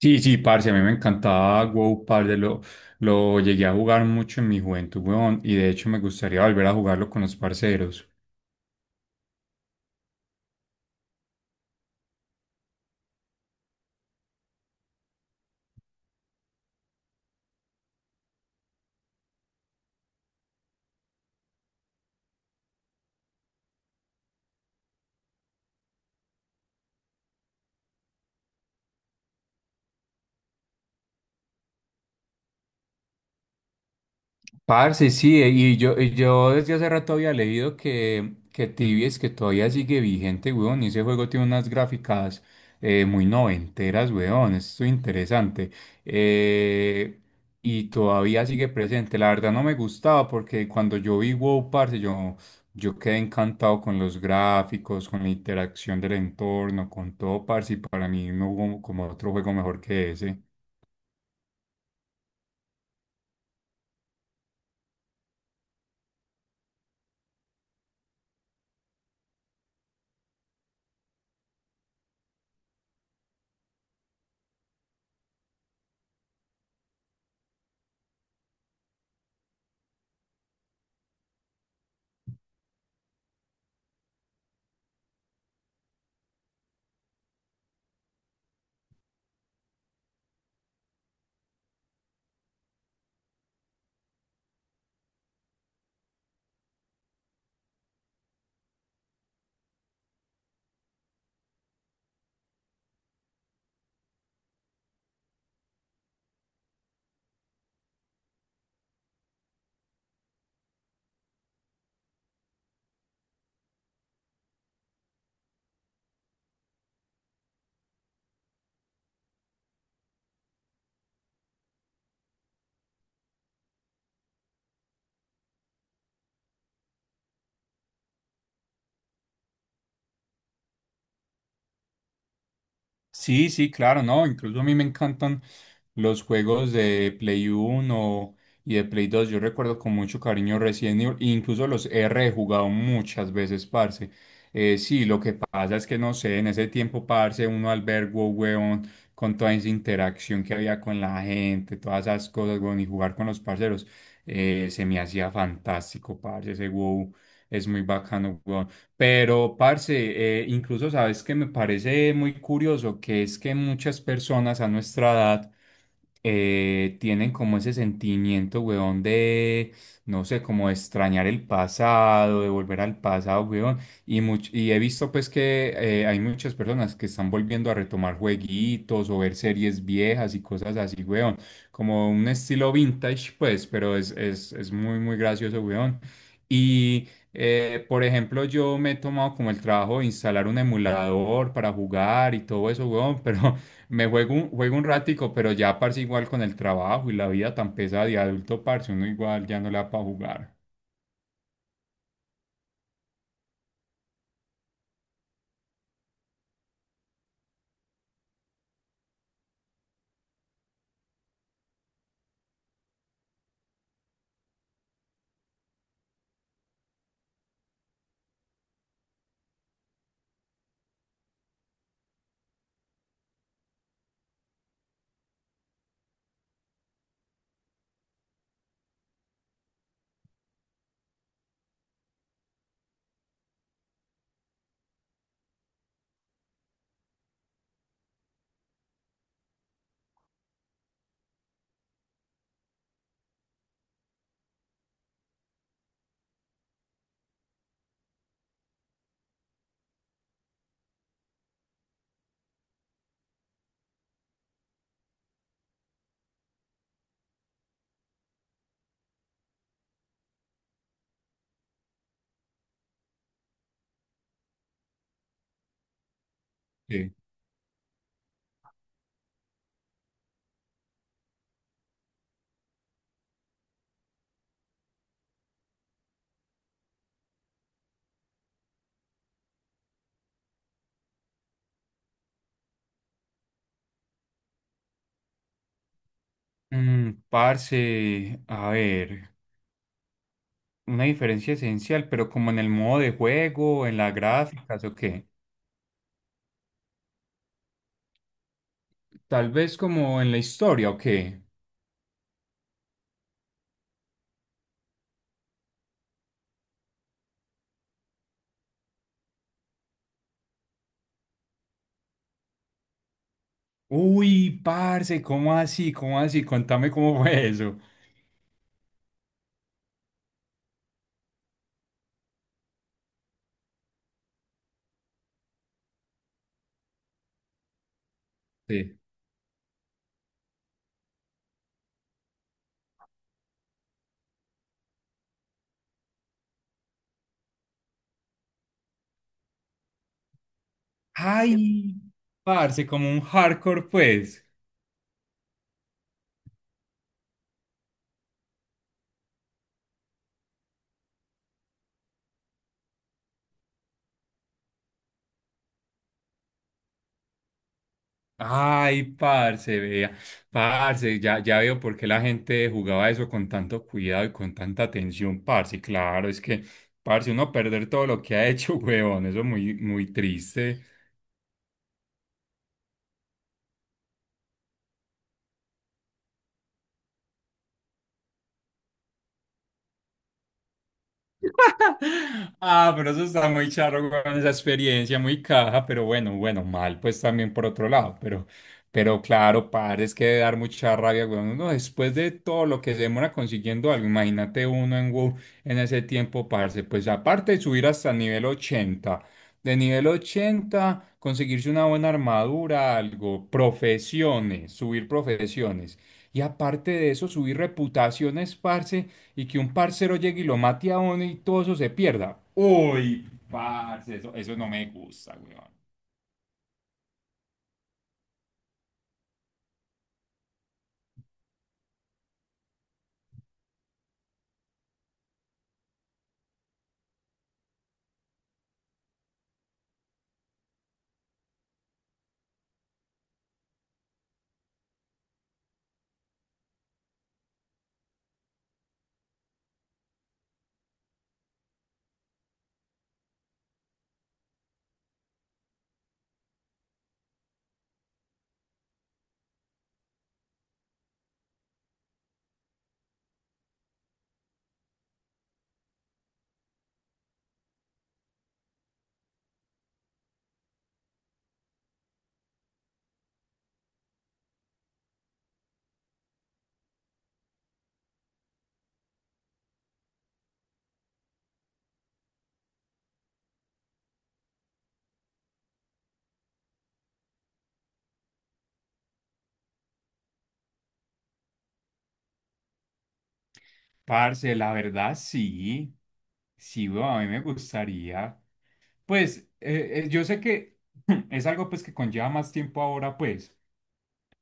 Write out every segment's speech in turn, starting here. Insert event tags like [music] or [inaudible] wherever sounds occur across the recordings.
Sí, sí, parce, a mí me encantaba WoW, parce, lo llegué a jugar mucho en mi juventud, weón, y de hecho me gustaría volver a jugarlo con los parceros. Parce, sí, y yo desde hace rato había leído que Tibia es que todavía sigue vigente, weón, y ese juego tiene unas gráficas muy noventeras, weón, esto es interesante. Eh, y todavía sigue presente, la verdad no me gustaba porque cuando yo vi WoW, parce, yo quedé encantado con los gráficos, con la interacción del entorno, con todo, parce, y para mí no hubo como otro juego mejor que ese. Sí, sí, claro, no, incluso a mí me encantan los juegos de Play Uno y de Play Dos. Yo recuerdo con mucho cariño Resident Evil, e incluso los R he jugado muchas veces, parce. Sí, lo que pasa es que no sé, en ese tiempo, parce, uno albergó, weón, con toda esa interacción que había con la gente, todas esas cosas, weón, y jugar con los parceros, se me hacía fantástico, parce, ese WoW es muy bacano, weón. Pero, parce, incluso sabes que me parece muy curioso que es que muchas personas a nuestra edad tienen como ese sentimiento, weón, de, no sé, como de extrañar el pasado, de volver al pasado, weón. Y, y he visto pues que hay muchas personas que están volviendo a retomar jueguitos o ver series viejas y cosas así, weón. Como un estilo vintage, pues, pero es muy, muy gracioso, weón. Por ejemplo, yo me he tomado como el trabajo de instalar un emulador para jugar y todo eso, weón, pero [laughs] juego un ratico, pero ya, parce, igual con el trabajo y la vida tan pesada de adulto, parce, uno igual ya no le da para jugar. Sí. Parce, a ver, una diferencia esencial, pero como en el modo de juego, en las gráficas, ¿o qué? Tal vez como en la historia, ¿o qué? Uy, parce, ¿cómo así? ¿Cómo así? Contame cómo fue eso. Sí. Ay, parce, como un hardcore, pues. Ay, parce, vea. Parce, ya, ya veo por qué la gente jugaba eso con tanto cuidado y con tanta atención, parce. Claro, es que, parce, uno perder todo lo que ha hecho, [laughs] huevón, eso es muy, muy triste. [laughs] Ah, pero eso está muy charro, weón, esa experiencia muy caja, pero bueno, bueno, mal, pues también por otro lado, pero claro, padre, es que de dar mucha rabia, weón, uno después de todo lo que se demora consiguiendo algo, imagínate uno en WoW en ese tiempo, parce, pues aparte de subir hasta nivel 80, de nivel 80 conseguirse una buena armadura, algo, profesiones, subir profesiones, y aparte de eso, subir reputaciones, parce, y que un parcero llegue y lo mate a uno y todo eso se pierda. Uy, parce, eso no me gusta, weón. Parce, la verdad sí. Sí, weón, a mí me gustaría. Pues, yo sé que [clears throat] [laughs] es algo pues que conlleva más tiempo ahora, pues.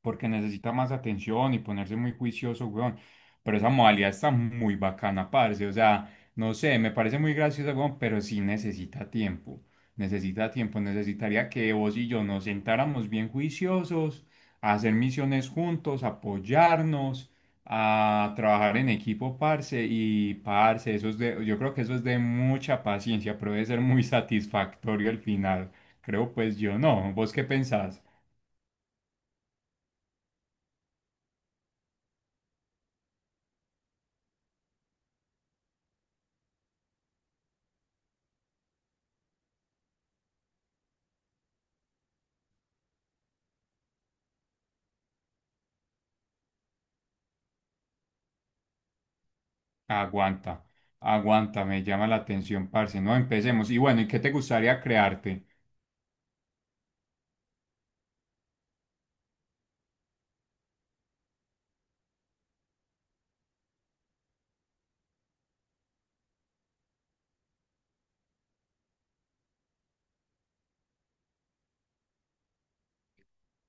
Porque necesita más atención y ponerse muy juicioso, weón. Pero esa modalidad está muy bacana, parce. O sea, no sé, me parece muy graciosa, weón, pero sí necesita tiempo. Necesita tiempo. Necesitaría que vos y yo nos sentáramos bien juiciosos, a hacer misiones juntos, apoyarnos, a trabajar en equipo, parce. Y, parce, eso es de, yo creo que eso es de mucha paciencia, pero debe ser muy [laughs] satisfactorio al final. Creo, pues yo no. ¿Vos qué pensás? Aguanta, aguanta, me llama la atención, parce. No, empecemos. Y bueno, ¿y qué te gustaría crearte?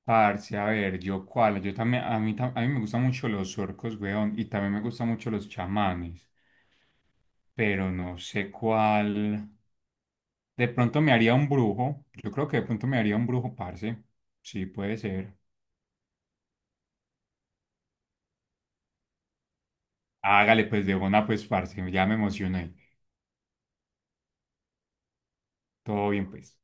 Parce, a ver, yo cuál, yo también, a mí, a mí me gustan mucho los orcos, weón, y también me gustan mucho los chamanes, pero no sé cuál. De pronto me haría un brujo, yo creo que de pronto me haría un brujo, parce. Sí, puede ser. Hágale, pues, de una, pues, parce, ya me emocioné. Todo bien, pues.